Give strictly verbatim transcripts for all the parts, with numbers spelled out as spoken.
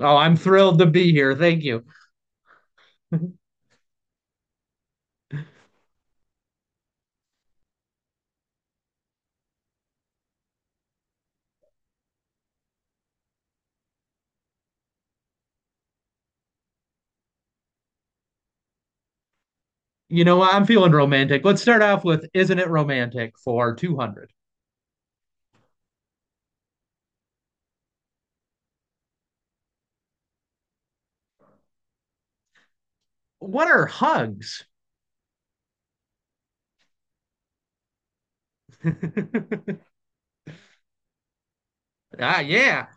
Oh, I'm thrilled to be here. Thank you. You know what? I'm feeling romantic. Let's start off with Isn't It Romantic for two hundred? What are hugs? ah, yeah.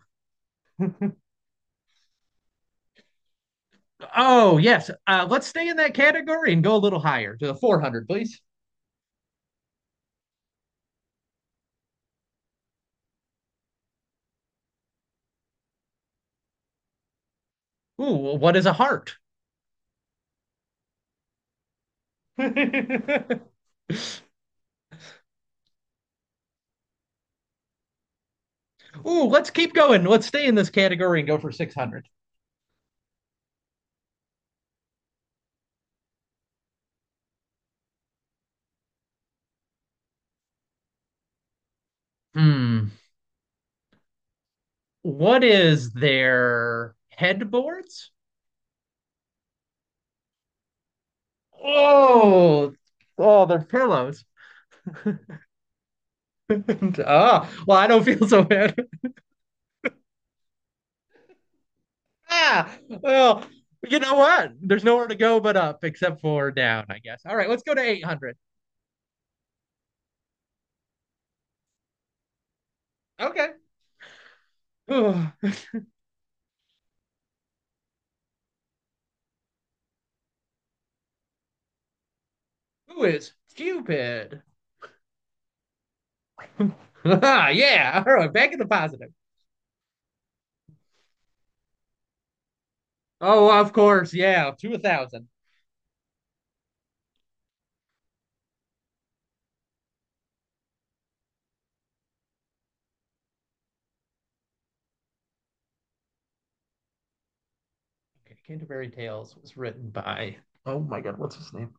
Oh, yes. Uh, let's stay in that category and go a little higher to the four hundred, please. Ooh, what is a heart? Ooh, let's keep going. Let's stay in this category and go for six hundred. Hmm. What is their headboards? Oh, oh, they're pillows. Ah, well, I don't feel so bad. ah, well, you know what? There's nowhere to go but up except for down, I guess. All right, let's go to eight hundred. Okay. Ugh. Who is stupid? Yeah. All right, back in the positive. Oh, of course. Yeah, to one thousand. Okay, Canterbury Tales was written by. Oh my God, what's his name?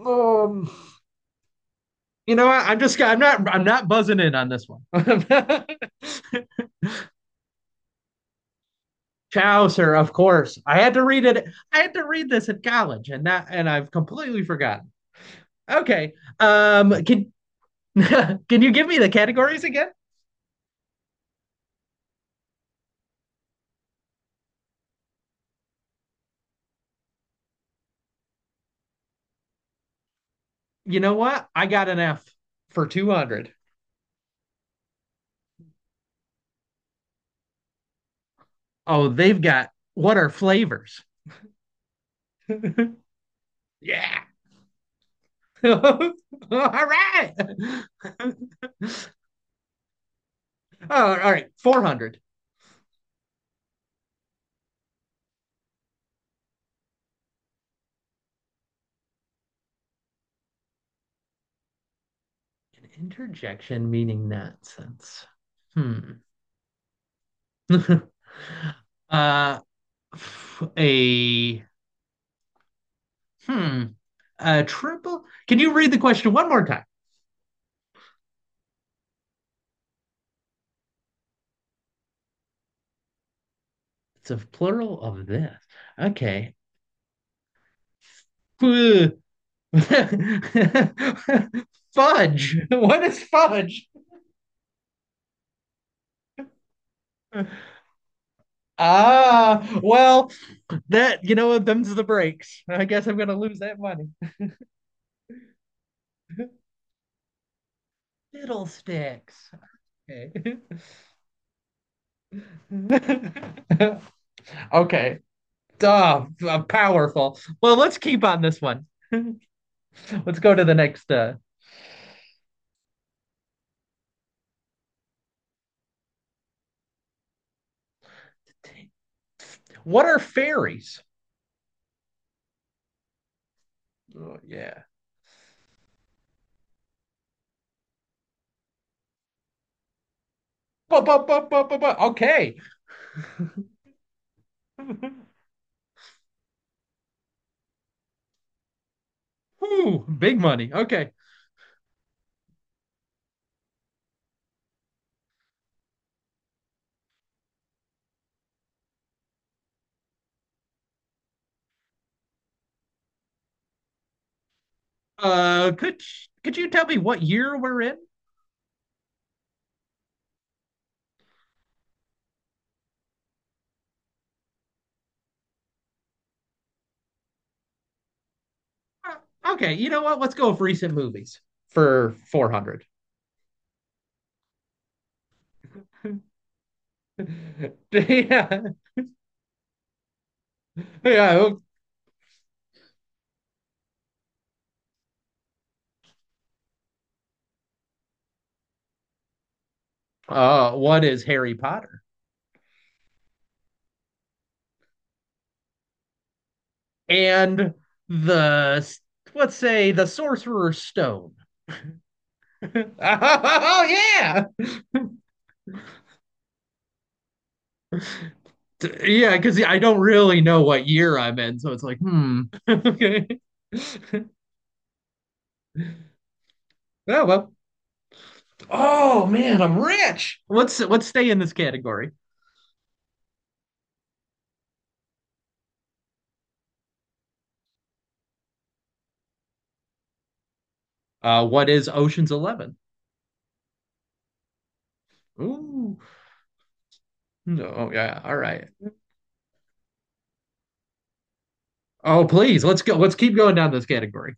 Um, you know what? I'm just, I'm not, I'm not buzzing in on this one. Chaucer, of course. I had to read it. I had to read this at college, and that and I've completely forgotten. Okay. Um. Can can you give me the categories again? You know what? I got an F for two hundred. Oh, they've got what are flavors? Yeah. All right. Oh, all right. Four hundred. An interjection meaning nonsense. Hmm. uh, A hmm. A triple? Can you read the question one more time? It's a plural of this. Okay. Fudge. What is fudge? Ah, well, that you know what? Them's the breaks. I guess I'm gonna lose that money. Fiddlesticks. Okay. Okay. Duh, uh, powerful. Well, let's keep on this one. Let's go to the next. Uh, what are fairies? Oh, yeah. Ba, ba, ba, ba, ba, ba. Okay. Ooh, big money. Okay. Uh, could could you tell me what year we're in? Uh, okay, you know what? Let's go with recent movies for four hundred. Yeah. Yeah. Uh, one Harry Potter and the, let's say, the Sorcerer's Stone. Oh oh yeah. Yeah, because I don't really know what year I'm in, so it's like, hmm. Okay. Oh well. Oh man, I'm rich. Let's let's stay in this category. Uh, what is Ocean's Eleven? Ooh, no, oh, yeah, all right. Oh, please, let's go. Let's keep going down this category.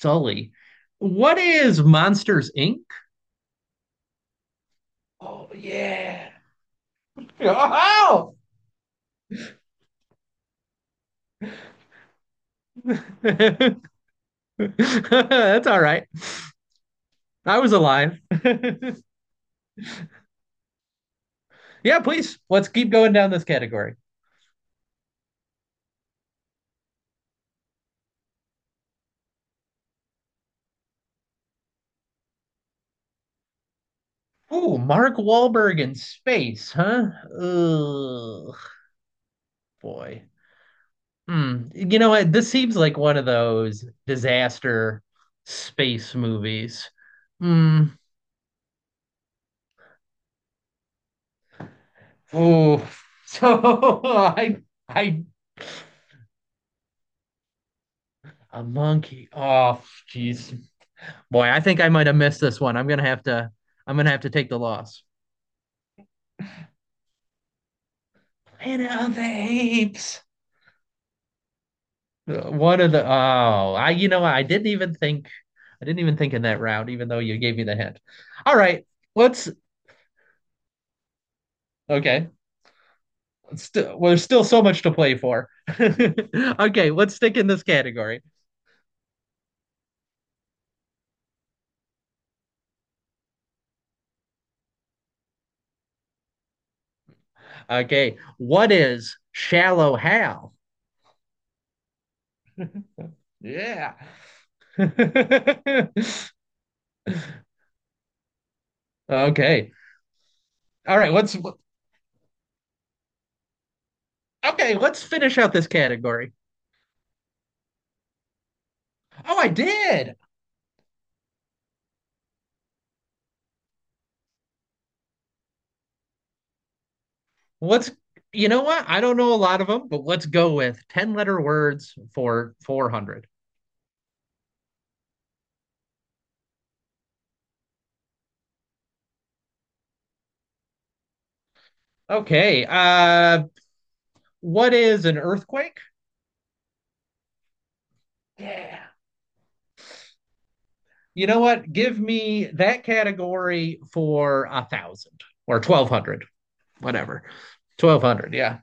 Sully. What is Monsters Inc? Oh yeah. Oh, that's all right. I was alive. Yeah, please. Let's keep going down this category. Ooh, Mark Wahlberg in space, huh? Ugh, boy. Hmm. You know what? This seems like one of those disaster space movies. Hmm. Oh, so I, I, a monkey. Oh, jeez. Boy, I think I might have missed this one. I'm gonna have to, I'm gonna have to take the loss. Planet of the Apes. Uh, One of the, oh, I, you know, I didn't even think, I didn't even think in that round, even though you gave me the hint. All right, let's, okay. Still, well, there's still so much to play for. Okay, let's stick in this category. Okay, what is shallow Hal? Yeah. Okay. All right, let's okay, let's finish out this category. Oh, I did. Let's You know what? I don't know a lot of them, but let's go with ten letter words for four hundred. Okay. Uh what is an earthquake? Yeah. You know what? Give me that category for a thousand or twelve hundred, whatever. Twelve hundred, yeah.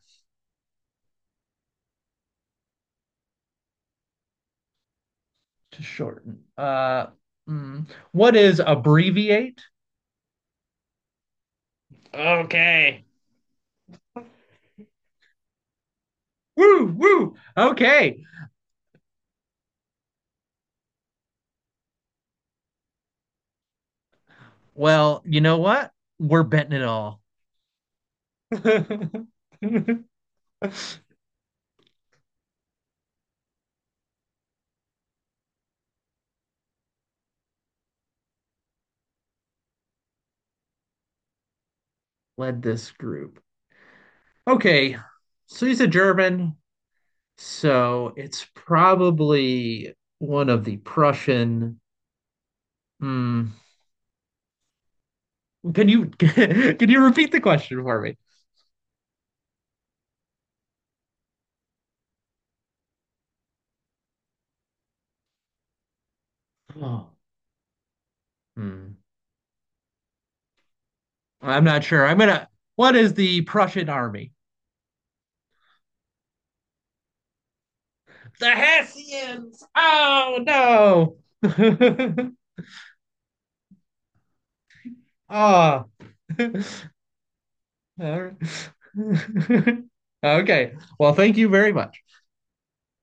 To shorten. Uh, mm, what is abbreviate? Okay. Woo, woo. Okay. Well, you know what? We're betting it all. Led this group. Okay. So he's a German. So it's probably one of the Prussian. Hmm. Can you can you repeat the question for me? Oh. Hmm. I'm not sure. I'm gonna. What is the Prussian army? The Hessians. Oh no. Ah. All right. Okay. Well, thank you very much.